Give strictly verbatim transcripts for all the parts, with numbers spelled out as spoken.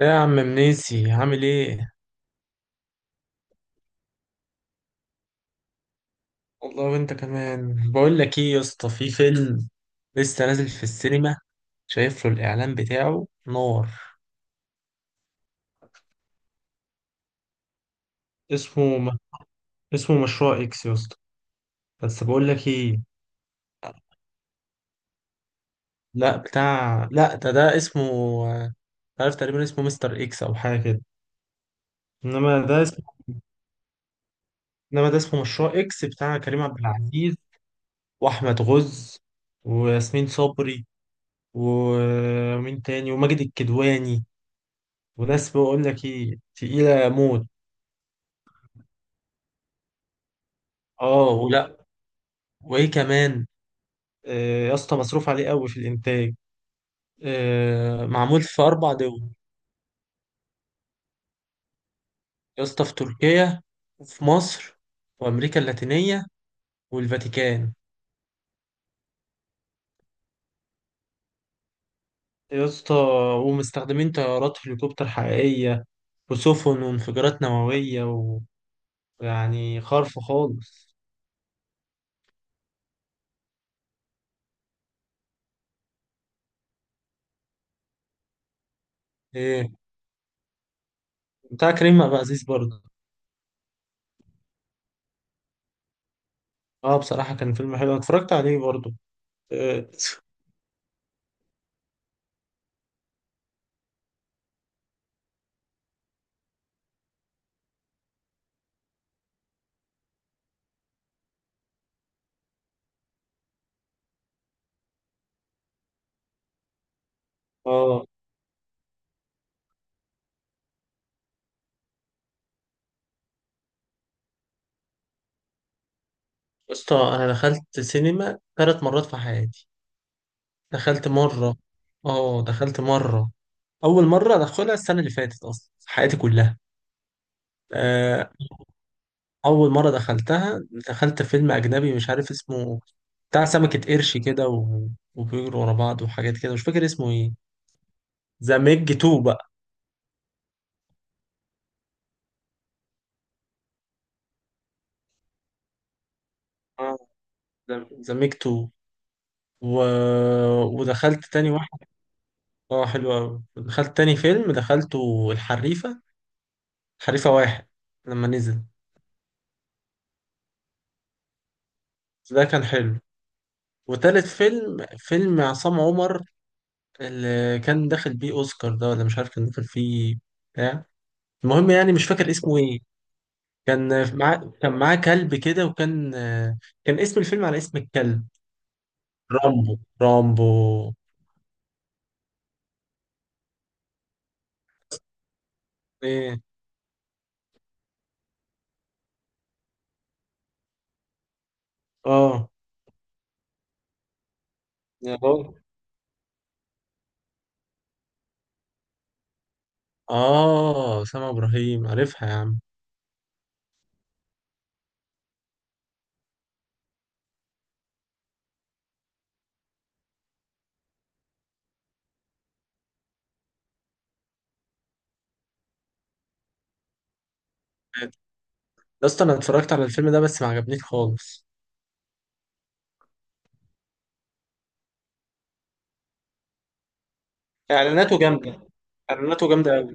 إيه يا عم منيسي؟ عامل ايه؟ والله وانت كمان. بقول لك ايه يا اسطى، في فيلم لسه نازل في السينما، شايف له الاعلان بتاعه نار. اسمه م... اسمه مشروع اكس يا اسطى. بس بقول لك ايه، لا بتاع، لا ده ده اسمه، آه، عارف، تقريبا اسمه مستر اكس او حاجه كده. انما ده اسمه انما ده اسمه مشروع اكس بتاع كريم عبد العزيز، واحمد غز، وياسمين صبري، ومين تاني، وماجد الكدواني، وناس بقول لك ايه تقيلة موت. اه ولا، وايه كمان. آه، يا اسطى مصروف عليه قوي في الانتاج. آه، معمول في اربع دول يا اسطى، في تركيا، وفي مصر، وامريكا اللاتينية، والفاتيكان. يا اسطى ومستخدمين طيارات هليكوبتر حقيقية، وسفن، وانفجارات نووية، ويعني خرف خالص. ايه، بتاع كريم عبد العزيز برضه. اه بصراحة كان فيلم حلو، أنا اتفرجت عليه برضه. اه. آه. يا اسطى، انا دخلت سينما ثلاث مرات في حياتي. دخلت مره، اه دخلت مره، اول مره ادخلها السنه اللي فاتت اصلا في حياتي كلها. آه، اول مره دخلتها، دخلت فيلم اجنبي مش عارف اسمه، بتاع سمكه قرش كده و... وبيجروا ورا بعض وحاجات كده، مش فاكر اسمه ايه. ذا ميج اتنين بقى. اه ذا ميج اتنين و... ودخلت تاني واحد. اه حلو قوي، دخلت تاني فيلم دخلته الحريفه، الحريفه واحد لما نزل، ده كان حلو. وتالت فيلم، فيلم عصام عمر اللي كان داخل بيه اوسكار، ده ولا مش عارف كان داخل فيه. بتاع، المهم يعني مش فاكر اسمه ايه. كان معاه كان معاه كلب كده، وكان، كان اسم الفيلم على اسم الكلب، رامبو. رامبو، ايه اه. يا بابا اه، سامع ابراهيم، عارفها يا عم. يا اسطى انا اتفرجت على الفيلم ده بس ما عجبنيش خالص. اعلاناته جامده، اعلاناته جامده.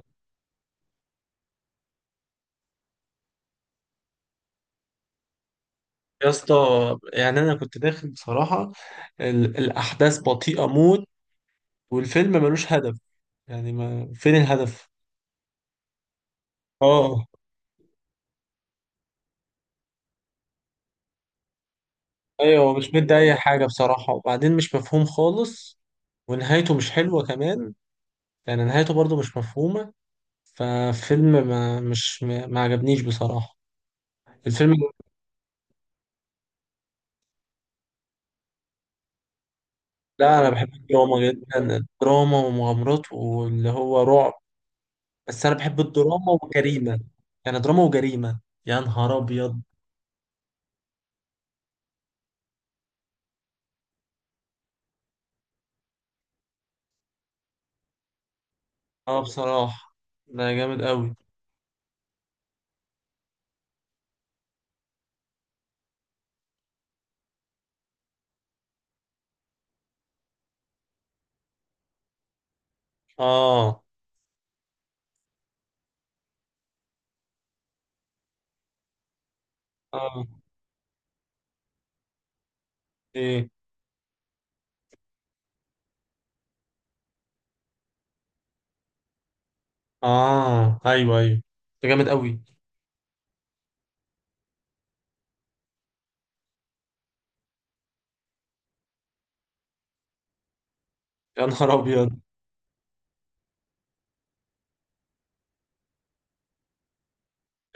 يا اسطى، يعني انا كنت داخل بصراحه، ال- الاحداث بطيئه موت، والفيلم ملوش هدف، يعني ما فين الهدف. اه ايوه، مش مدي اي حاجه بصراحه، وبعدين مش مفهوم خالص، ونهايته مش حلوه كمان، يعني نهايته برضو مش مفهومه. ففيلم ما مش ما ما عجبنيش بصراحه. الفيلم، لا انا بحب الدراما جدا، الدراما ومغامرات واللي هو رعب، بس انا بحب الدراما والجريمه، يعني دراما وجريمه. يا نهار ابيض. اه بصراحة ده جامد قوي. اه، اه ايه، اه ايوه ايوه، ده جامد قوي. يا نهار ابيض.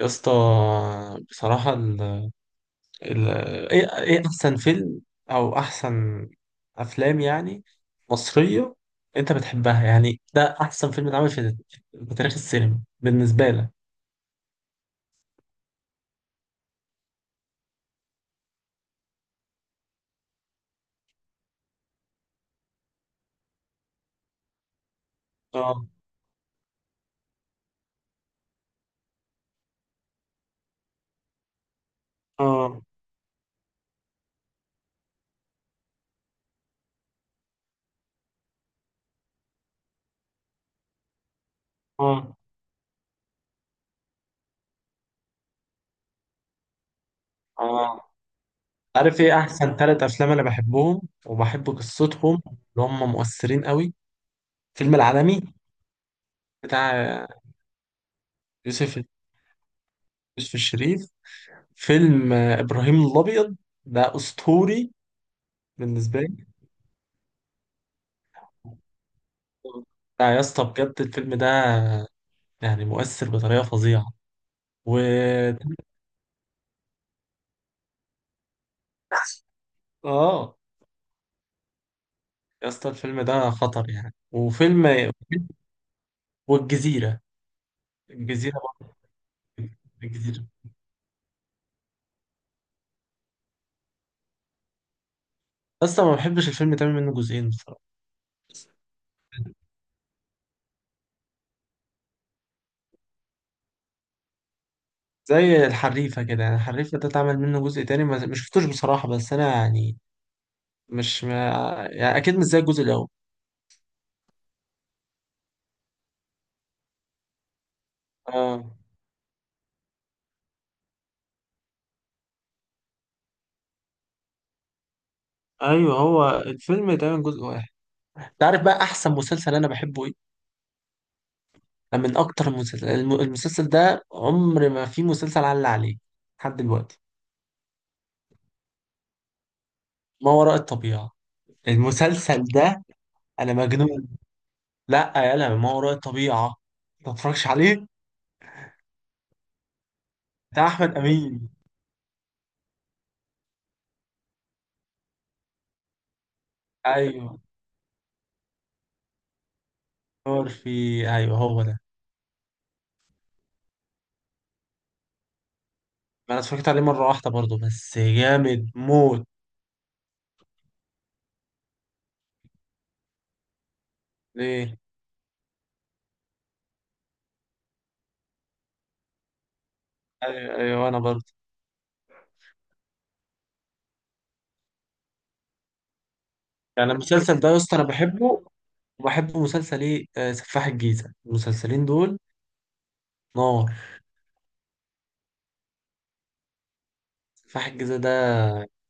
يا اسطى، بصراحة ال... ال... ايه ايه، احسن فيلم او احسن افلام يعني مصرية انت بتحبها، يعني ده احسن فيلم اتعمل في في تاريخ السينما بالنسبة لك؟ اه، اه، اه، اه. عارف ايه احسن ثلاث افلام انا بحبهم وبحب قصتهم، اللي هم مؤثرين قوي؟ فيلم العالمي بتاع يوسف، يوسف الشريف. فيلم آه، إبراهيم الأبيض، ده أسطوري بالنسبة لي. لا يا اسطى بجد، الفيلم ده يعني مؤثر بطريقة فظيعة. و اه. يا اسطى الفيلم ده خطر يعني، وفيلم والجزيرة، الجزيرة برضه، الجزيرة. اصلا ما بحبش الفيلم تعمل منه جزئين بصراحة. زي الحريفة كده، يعني الحريفة ده اتعمل منه جزء تاني، ما ما شفتوش بصراحة، بس انا يعني، مش ما يعني اكيد مش زي الجزء الاول. ايوه، هو الفيلم دايما جزء واحد. تعرف بقى احسن مسلسل انا بحبه ايه؟ ده من اكتر المسلسل، الم- المسلسل ده عمر ما في مسلسل علق عليه لحد دلوقتي. ما وراء الطبيعة، المسلسل ده انا مجنون. لا، يا لا، ما وراء الطبيعة، ما تتفرجش عليه. بتاع احمد امين. ايوه نور في، ايوه هو ده. ما انا اتفرجت عليه مرة واحدة برضه، بس جامد موت. ليه. ايوه ايوه انا برضه. يعني المسلسل ده يا اسطى انا بحبه، وبحب مسلسل ايه، آه، سفاح الجيزة. المسلسلين دول نار. سفاح الجيزة ده،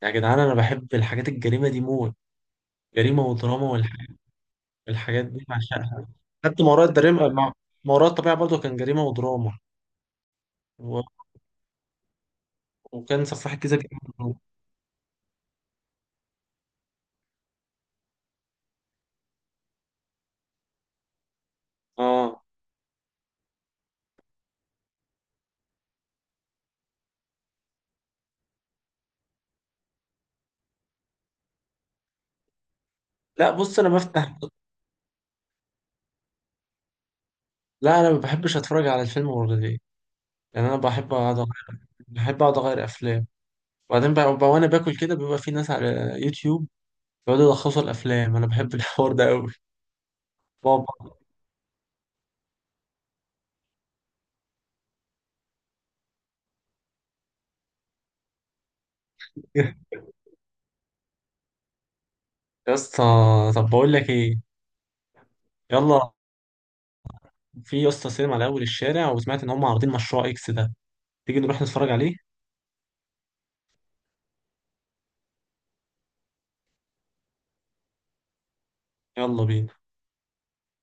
يا جدعان انا بحب الحاجات الجريمة دي موت، جريمة ودراما والح- والحاجات دي بعشقها. حتى ما وراء الجريمة، ما ما وراء الطبيعة برضه كان جريمة ودراما، و... وكان سفاح الجيزة جريمة ودراما. اه. لا بص انا بفتح، لا انا ما بحبش اتفرج على الفيلم مرتين، يعني انا بحب اقعد أغير- بحب اقعد اغير افلام. وبعدين بقى بقى وانا باكل كده، بيبقى في ناس على يوتيوب بيقعدوا يلخصوا الافلام، انا بحب الحوار ده قوي. بابا. يا اسطى، طب بقول لك ايه. يلا، في يا اسطى سينما على اول الشارع، وسمعت ان هم عارضين مشروع اكس ده، تيجي نروح نتفرج عليه؟ يلا بينا.